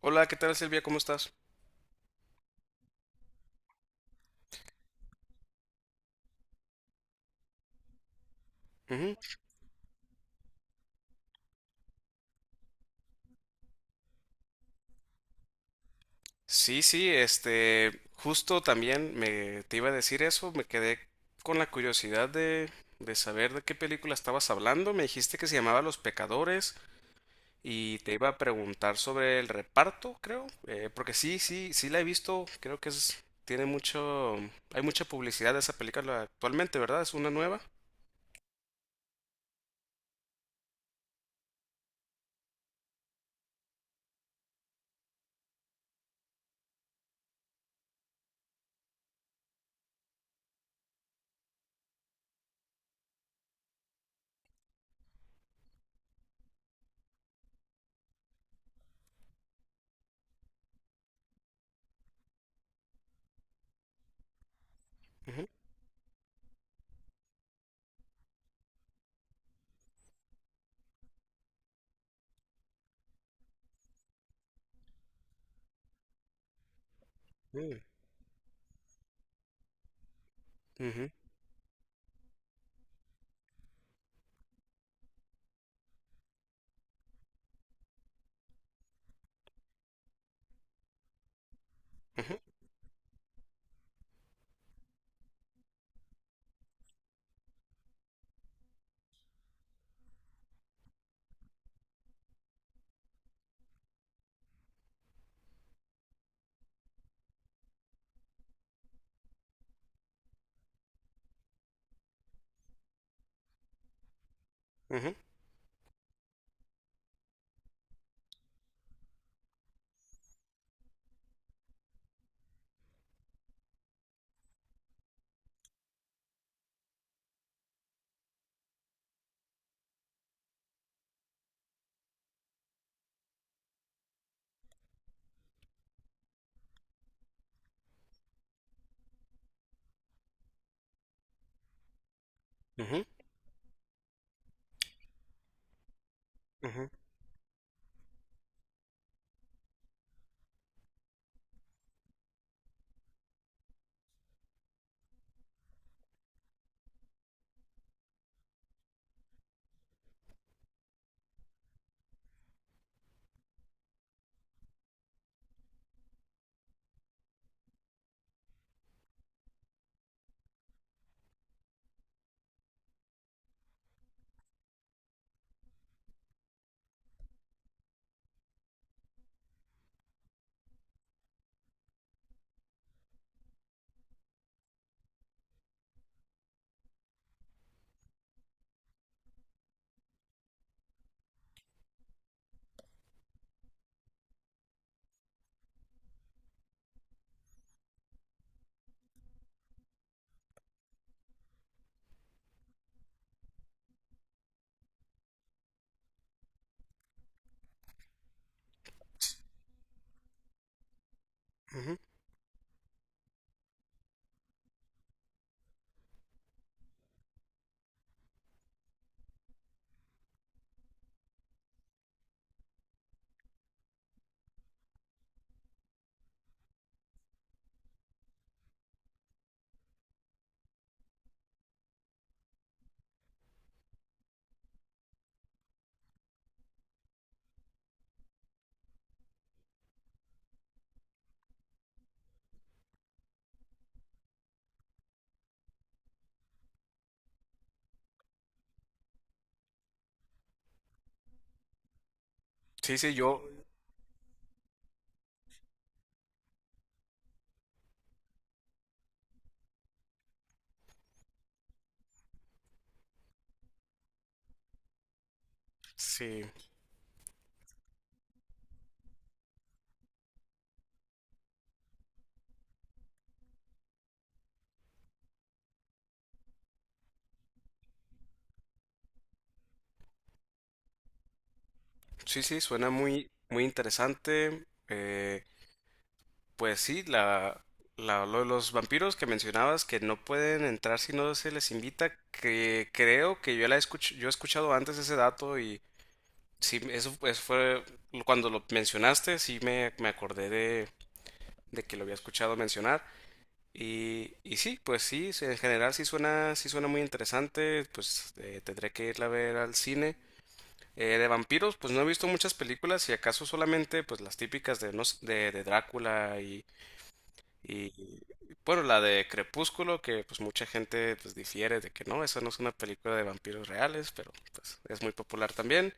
Hola, ¿qué tal, Silvia? ¿Cómo estás? Ujú. Justo también me te iba a decir eso, me quedé con la curiosidad de saber de qué película estabas hablando. Me dijiste que se llamaba Los Pecadores y te iba a preguntar sobre el reparto, creo, porque sí, la he visto, tiene mucho, hay mucha publicidad de esa película actualmente, ¿verdad? Es una nueva. Ujú. Mm. Ujú, ujú, ujú, ujú, ujú, ujú. Sí, sí, yo, sí. Sí, sí, suena muy, muy interesante. Eh, pues sí, lo de los vampiros que mencionabas, que no pueden entrar si no se les invita, que creo que yo he escuchado antes ese dato. Y sí, eso fue cuando lo mencionaste, sí me acordé de que lo había escuchado mencionar. En general sí suena muy interesante, pues tendré que irla a ver al cine. De vampiros, pues no he visto muchas películas, y acaso solamente pues las típicas de, no sé, de Drácula y bueno, la de Crepúsculo, que pues mucha gente pues difiere de que no, esa no es una película de vampiros reales, pero pues es muy popular también.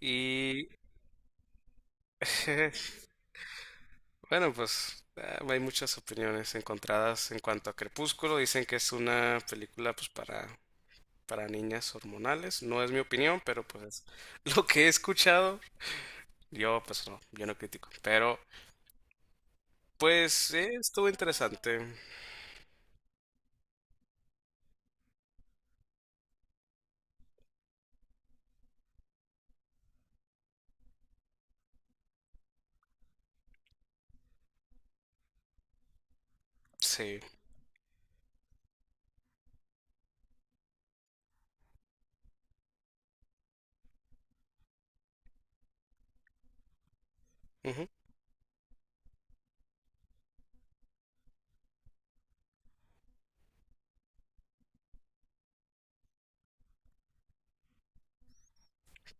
Y bueno, pues ah, hay muchas opiniones encontradas en cuanto a Crepúsculo, dicen que es una película pues para niñas hormonales, no es mi opinión, pero pues lo que he escuchado, yo pues no, yo no critico, pero pues estuvo interesante. Sí. Ujú,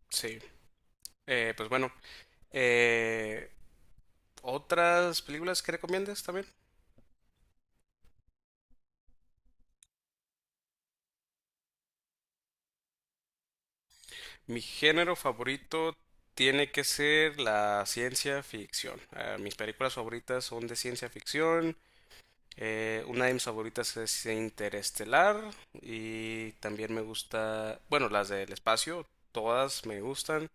sí. Pues bueno, eh, ¿otras películas que recomiendas también? Mi género favorito tiene que ser la ciencia ficción. Ah, mis películas favoritas son de ciencia ficción. Una de mis favoritas es Interestelar. Y también me gusta, bueno, las del espacio, todas me gustan,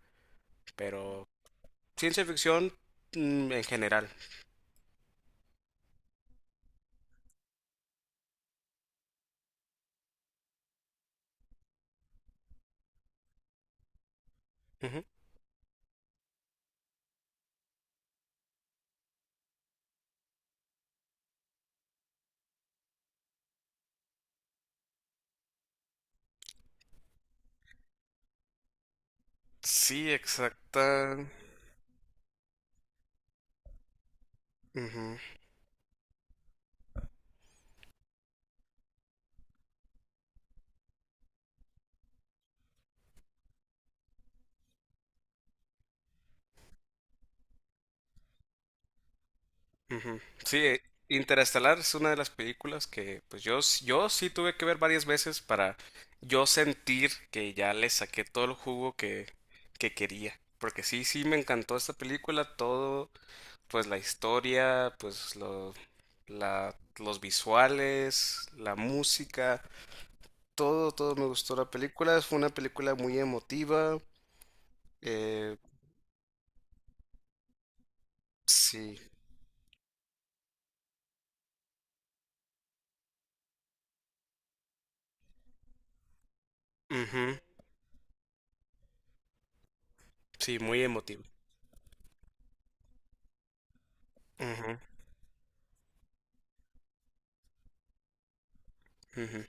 pero ciencia ficción, en general. Sí, exacta. Ujú, ujú. Sí, Interestelar es una de las películas que pues yo, yo sí tuve que ver varias veces para yo sentir que ya le saqué todo el jugo que quería. Porque sí, sí me encantó esta película, todo, pues la historia, los visuales, la música, todo, todo me gustó la película. Fue una película muy emotiva. eh, sí, ujú, sí, muy emotiva. Ujú, ujú,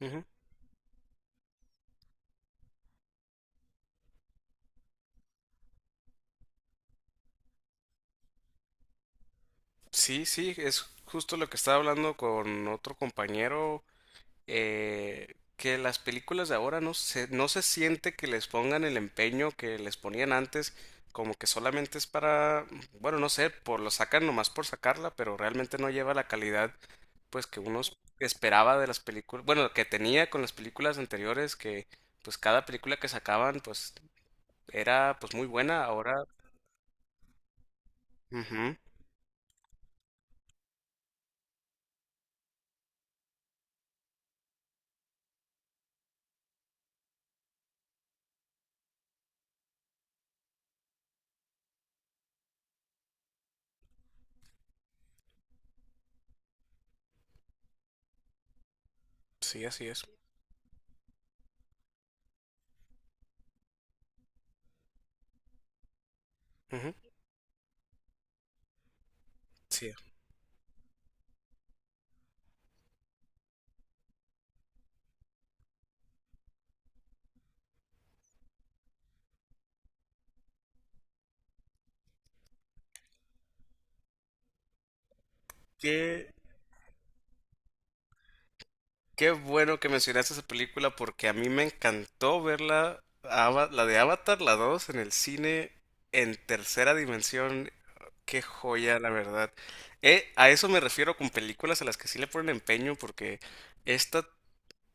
ujú. Sí, sí, es justo lo que estaba hablando con otro compañero, que las películas de ahora no se siente que les pongan el empeño que les ponían antes, como que solamente es para, bueno, no sé, por lo sacan nomás por sacarla, pero realmente no lleva la calidad pues que uno esperaba de las películas, bueno, que tenía con las películas anteriores, que pues cada película que sacaban pues era pues muy buena, ahora, ujú, sí, así es. Sí. Qué, qué bueno que mencionaste esa película, porque a mí me encantó verla, la de Avatar, la dos, en el cine, en tercera dimensión. Qué joya, la verdad. A eso me refiero con películas a las que sí le ponen empeño, porque esta,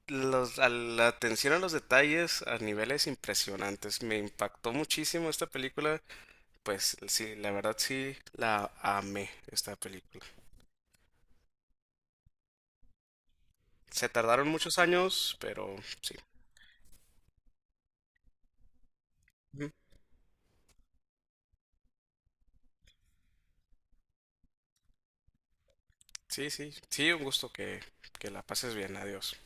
los, a la atención a los detalles a niveles impresionantes. Me impactó muchísimo esta película. Pues sí, la verdad sí, la amé, esta película. Se tardaron muchos años, pero sí. Sí, sí, sí, un gusto que la pases bien. Adiós.